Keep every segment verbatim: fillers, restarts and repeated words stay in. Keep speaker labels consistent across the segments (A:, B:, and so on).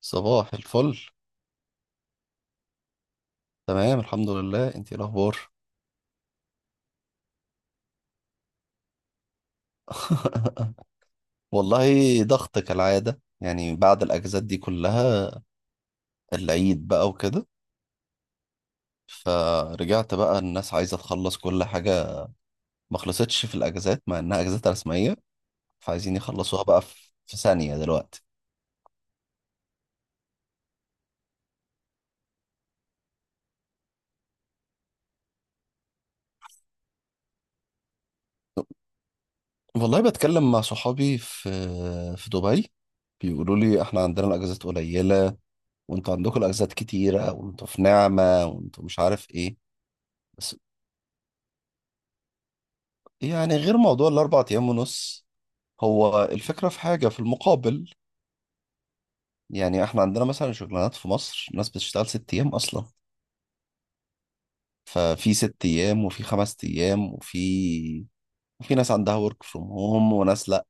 A: صباح الفل. تمام، الحمد لله. انتي ايه الاخبار؟ والله ضغط كالعادة يعني بعد الاجازات دي كلها، العيد بقى وكده. فرجعت بقى الناس عايزة تخلص كل حاجة. ما خلصتش في الاجازات مع انها اجازات رسمية، فعايزين يخلصوها بقى في في ثانية دلوقتي. والله بتكلم مع صحابي في في دبي. بيقولوا لي احنا عندنا الاجازات قليلة وانتوا عندكم الاجازات كتيرة وانتوا في نعمة وانتوا مش عارف ايه. يعني غير موضوع الأربع أيام ونص، هو الفكرة في حاجة في المقابل. يعني احنا عندنا مثلا شغلانات في مصر ناس بتشتغل ست أيام أصلا. ففي ست أيام وفي خمس أيام وفي وفي ناس عندها ورك فروم هوم وناس لأ.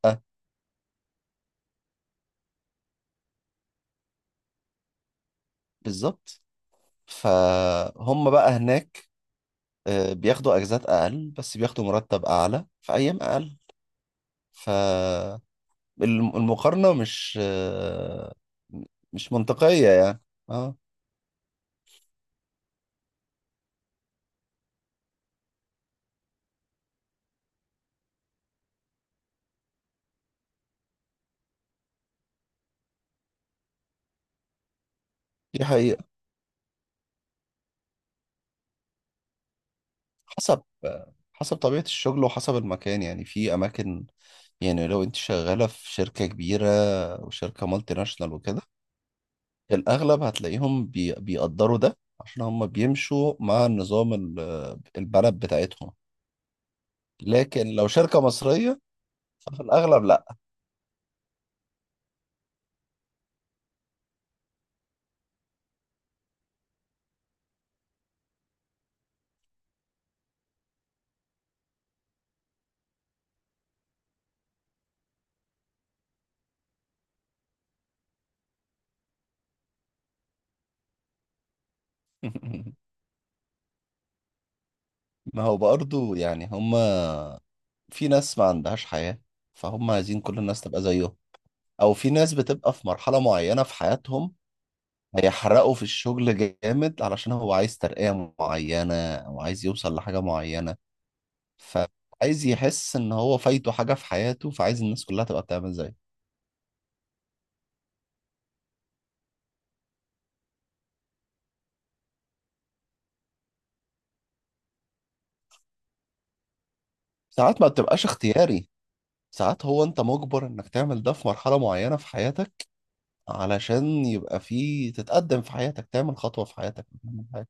A: بالظبط، فهم بقى هناك آه، بياخدوا أجازات أقل بس بياخدوا مرتب أعلى في أيام أقل. فالمقارنة مش آه، مش منطقية يعني. اه، دي حقيقة. حسب حسب طبيعة الشغل وحسب المكان، يعني في أماكن، يعني لو أنت شغالة في شركة كبيرة وشركة مالتي ناشونال وكده، الأغلب هتلاقيهم بي بيقدروا ده عشان هم بيمشوا مع النظام ال- البلد بتاعتهم. لكن لو شركة مصرية، ففي الأغلب لأ. ما هو برضه يعني هم في ناس ما عندهاش حياة، فهم عايزين كل الناس تبقى زيهم. أو في ناس بتبقى في مرحلة معينة في حياتهم، هيحرقه في الشغل جامد علشان هو عايز ترقية معينة أو عايز يوصل لحاجة معينة. فعايز يحس إن هو فايته حاجة في حياته، فعايز الناس كلها تبقى بتعمل زيه. ساعات ما بتبقاش اختياري، ساعات هو أنت مجبر إنك تعمل ده في مرحلة معينة في حياتك، علشان يبقى في تتقدم في حياتك، تعمل خطوة في حياتك، تعمل حاجة.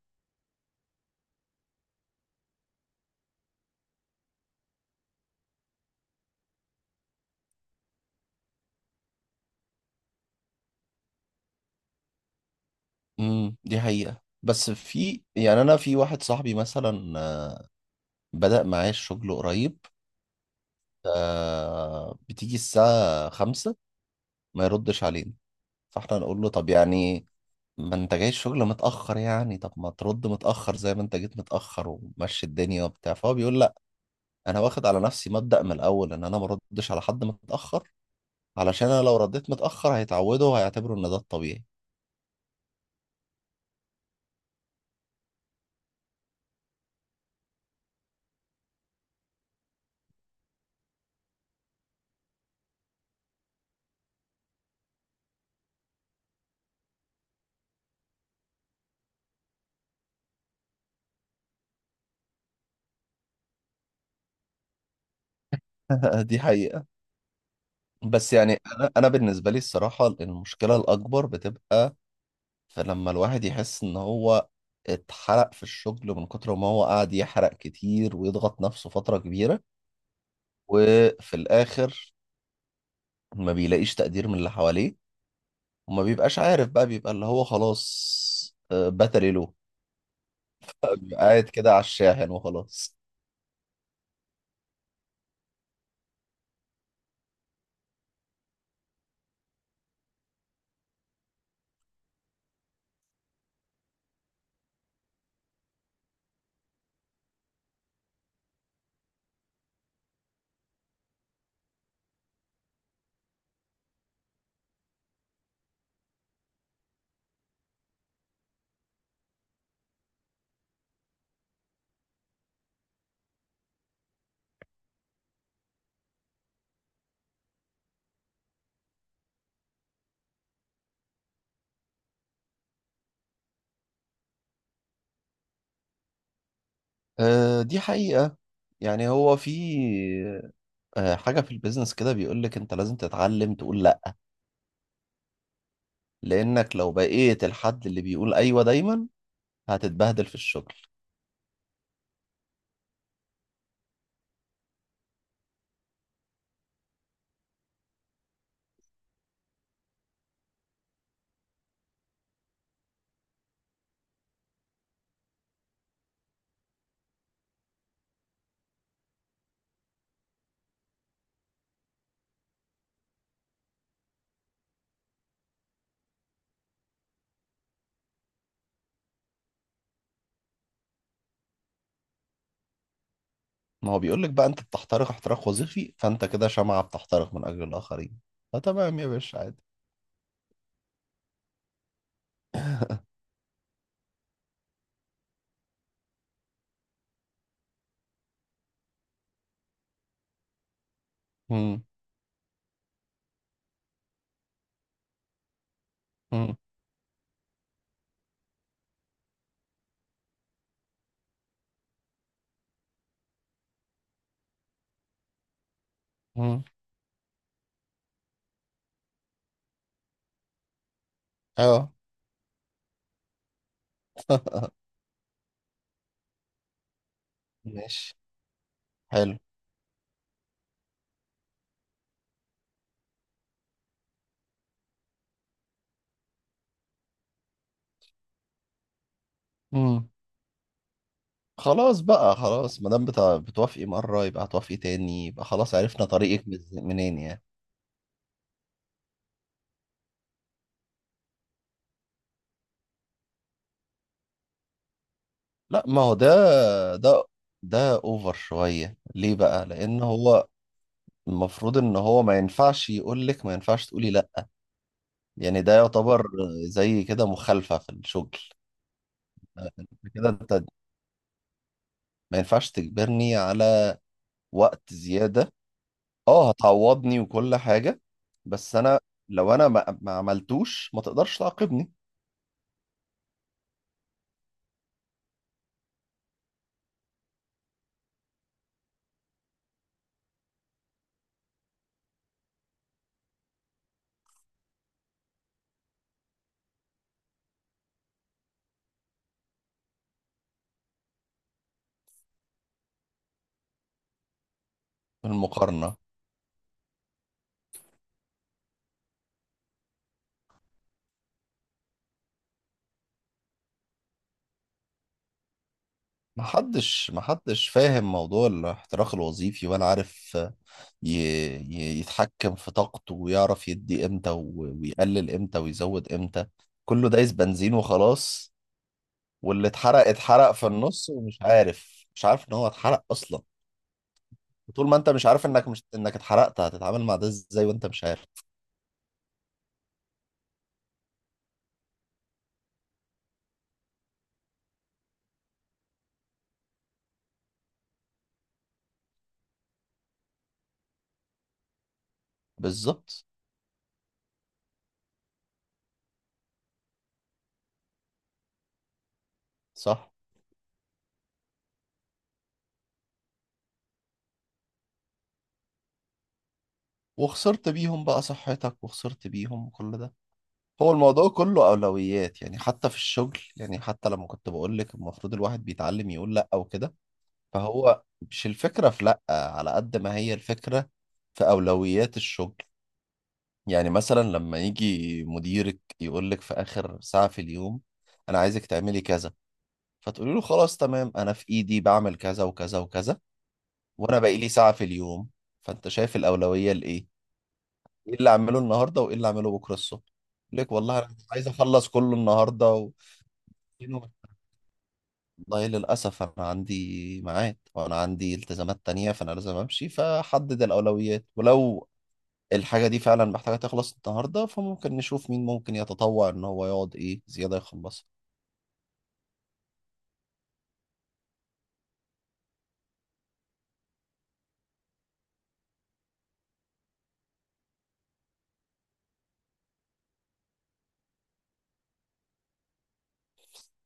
A: امم، دي حقيقة. بس في يعني أنا في واحد صاحبي مثلا، آه، بدأ معايا الشغل قريب. آه، بتيجي الساعة خمسة ما يردش علينا. فاحنا نقول له طب يعني ما انت جاي الشغل متأخر يعني طب ما ترد متأخر زي ما انت جيت متأخر ومشي الدنيا وبتاع. فهو بيقول لا، انا واخد على نفسي مبدأ من الاول ان انا ما ردش على حد متأخر، علشان انا لو رديت متأخر هيتعودوا وهيعتبروا ان ده الطبيعي. دي حقيقة. بس يعني انا انا بالنسبة لي الصراحة المشكلة الاكبر بتبقى، فلما الواحد يحس ان هو اتحرق في الشغل من كتر ما هو قاعد يحرق كتير ويضغط نفسه فترة كبيرة، وفي الآخر ما بيلاقيش تقدير من اللي حواليه، وما بيبقاش عارف بقى، بيبقى اللي هو خلاص آه، بتري له، بيبقى قاعد كده على الشاحن وخلاص. آه، دي حقيقة. يعني هو في آه، حاجة في البيزنس كده بيقولك انت لازم تتعلم تقول لا، لانك لو بقيت الحد اللي بيقول ايوه دايما هتتبهدل في الشغل. ما هو بيقولك بقى انت بتحترق احتراق وظيفي، فانت كده شمعة بتحترق من اجل الاخرين، فتمام يا باشا عادي. مم. مم. مم. اه. ماشي. حلو. مم. خلاص بقى، خلاص ما دام بتع- بتوافقي مرة يبقى هتوافقي تاني، يبقى خلاص عرفنا طريقك من- منين يعني. لا، ما هو ده ده ده اوفر شوية، ليه بقى؟ لان هو المفروض ان هو ما ينفعش يقول لك ما ينفعش تقولي لا، يعني ده يعتبر زي كده مخالفة في الشغل. انت كده انت ما ينفعش تجبرني على وقت زيادة. اه، هتعوضني وكل حاجة، بس انا لو انا ما ما عملتوش ما تقدرش تعاقبني. بالمقارنة، محدش محدش فاهم موضوع الاحتراق الوظيفي ولا عارف ي- ي- يتحكم في طاقته ويعرف يدي امتى و- ويقلل امتى ويزود امتى. كله دايس بنزين وخلاص. واللي اتحرق اتحرق في النص، ومش عارف مش عارف ان هو اتحرق اصلا. وطول ما انت مش عارف انك مش انك اتحرقت، هتتعامل مع ده ازاي وانت مش عارف؟ بالظبط. صح. وخسرت بيهم بقى صحتك وخسرت بيهم كل ده. هو الموضوع كله أولويات يعني، حتى في الشغل يعني، حتى لما كنت بقول لك المفروض الواحد بيتعلم يقول لأ وكده. فهو مش الفكرة في لأ على قد ما هي الفكرة في أولويات الشغل. يعني مثلا لما يجي مديرك يقول لك في آخر ساعة في اليوم أنا عايزك تعملي كذا، فتقولي له خلاص تمام أنا في إيدي بعمل كذا وكذا وكذا، وأنا باقي لي ساعة في اليوم، فأنت شايف الأولوية لإيه؟ إيه اللي أعمله النهاردة وإيه اللي أعمله بكرة الصبح؟ يقول لك والله أنا مش عايز أخلص كله النهاردة. و... والله للأسف أنا عندي ميعاد وأنا عندي التزامات تانية فأنا لازم أمشي، فحدد الأولويات. ولو الحاجة دي فعلا محتاجة تخلص النهاردة، فممكن نشوف مين ممكن يتطوع إن هو يقعد إيه زيادة يخلصها.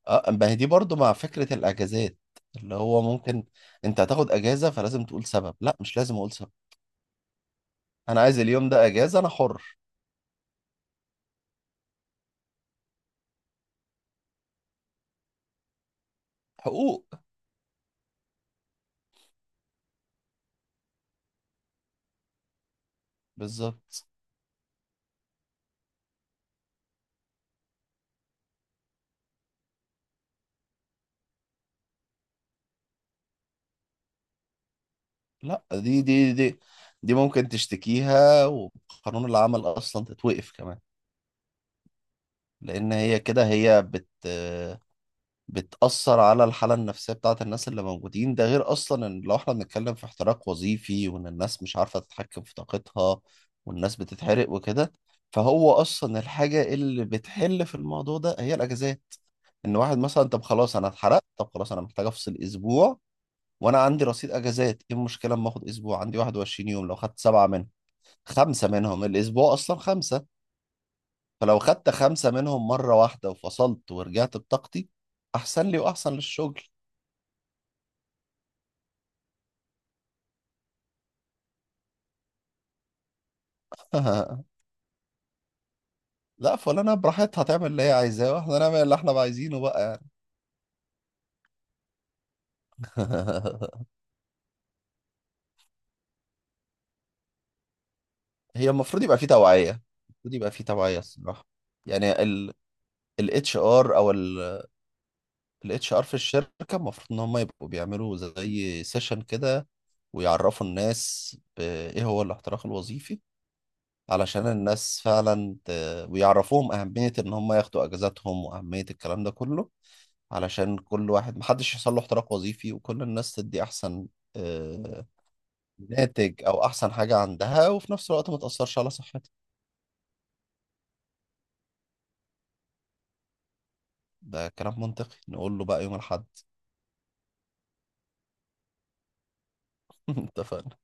A: أه، ما هي دي برضو مع فكرة الأجازات، اللي هو ممكن أنت هتاخد أجازة فلازم تقول سبب. لا، مش لازم أقول سبب. أنا عايز اليوم ده أجازة، أنا حر. حقوق، بالظبط. لا، دي دي دي دي ممكن تشتكيها وقانون العمل أصلا تتوقف كمان، لان هي كده هي بت بتأثر على الحالة النفسية بتاعت الناس اللي موجودين. ده غير أصلا إن لو إحنا بنتكلم في احتراق وظيفي وإن الناس مش عارفة تتحكم في طاقتها والناس بتتحرق وكده، فهو أصلا الحاجة اللي بتحل في الموضوع ده هي الأجازات. إن واحد مثلا طب خلاص أنا اتحرقت، طب خلاص أنا محتاج أفصل أسبوع، وأنا عندي رصيد أجازات. إيه المشكلة أما آخد أسبوع؟ عندي واحد وعشرين يوم، لو خدت سبعة منهم، خمسة منهم الأسبوع أصلا خمسة. فلو خدت خمسة منهم مرة واحدة وفصلت ورجعت بطاقتي، أحسن لي وأحسن للشغل. لا، فلانة براحتها تعمل اللي هي عايزاه واحنا نعمل اللي احنا بقى عايزينه بقى يعني. هي المفروض يبقى في توعية، المفروض يبقى في توعية الصراحة. يعني ال الاتش ار او الاتش ار في الشركة المفروض ان هم يبقوا بيعملوا زي سيشن كده ويعرفوا الناس ب- ايه هو الاحتراق الوظيفي، علشان الناس فعلا ت... ويعرفوهم أهمية إن هم ياخدوا أجازاتهم وأهمية الكلام ده كله، علشان كل واحد محدش يحصل له احتراق وظيفي وكل الناس تدي أحسن آه، ناتج أو أحسن حاجة عندها وفي نفس الوقت ما تأثرش على صحتها. ده كلام منطقي. نقول له بقى يوم الأحد. اتفقنا.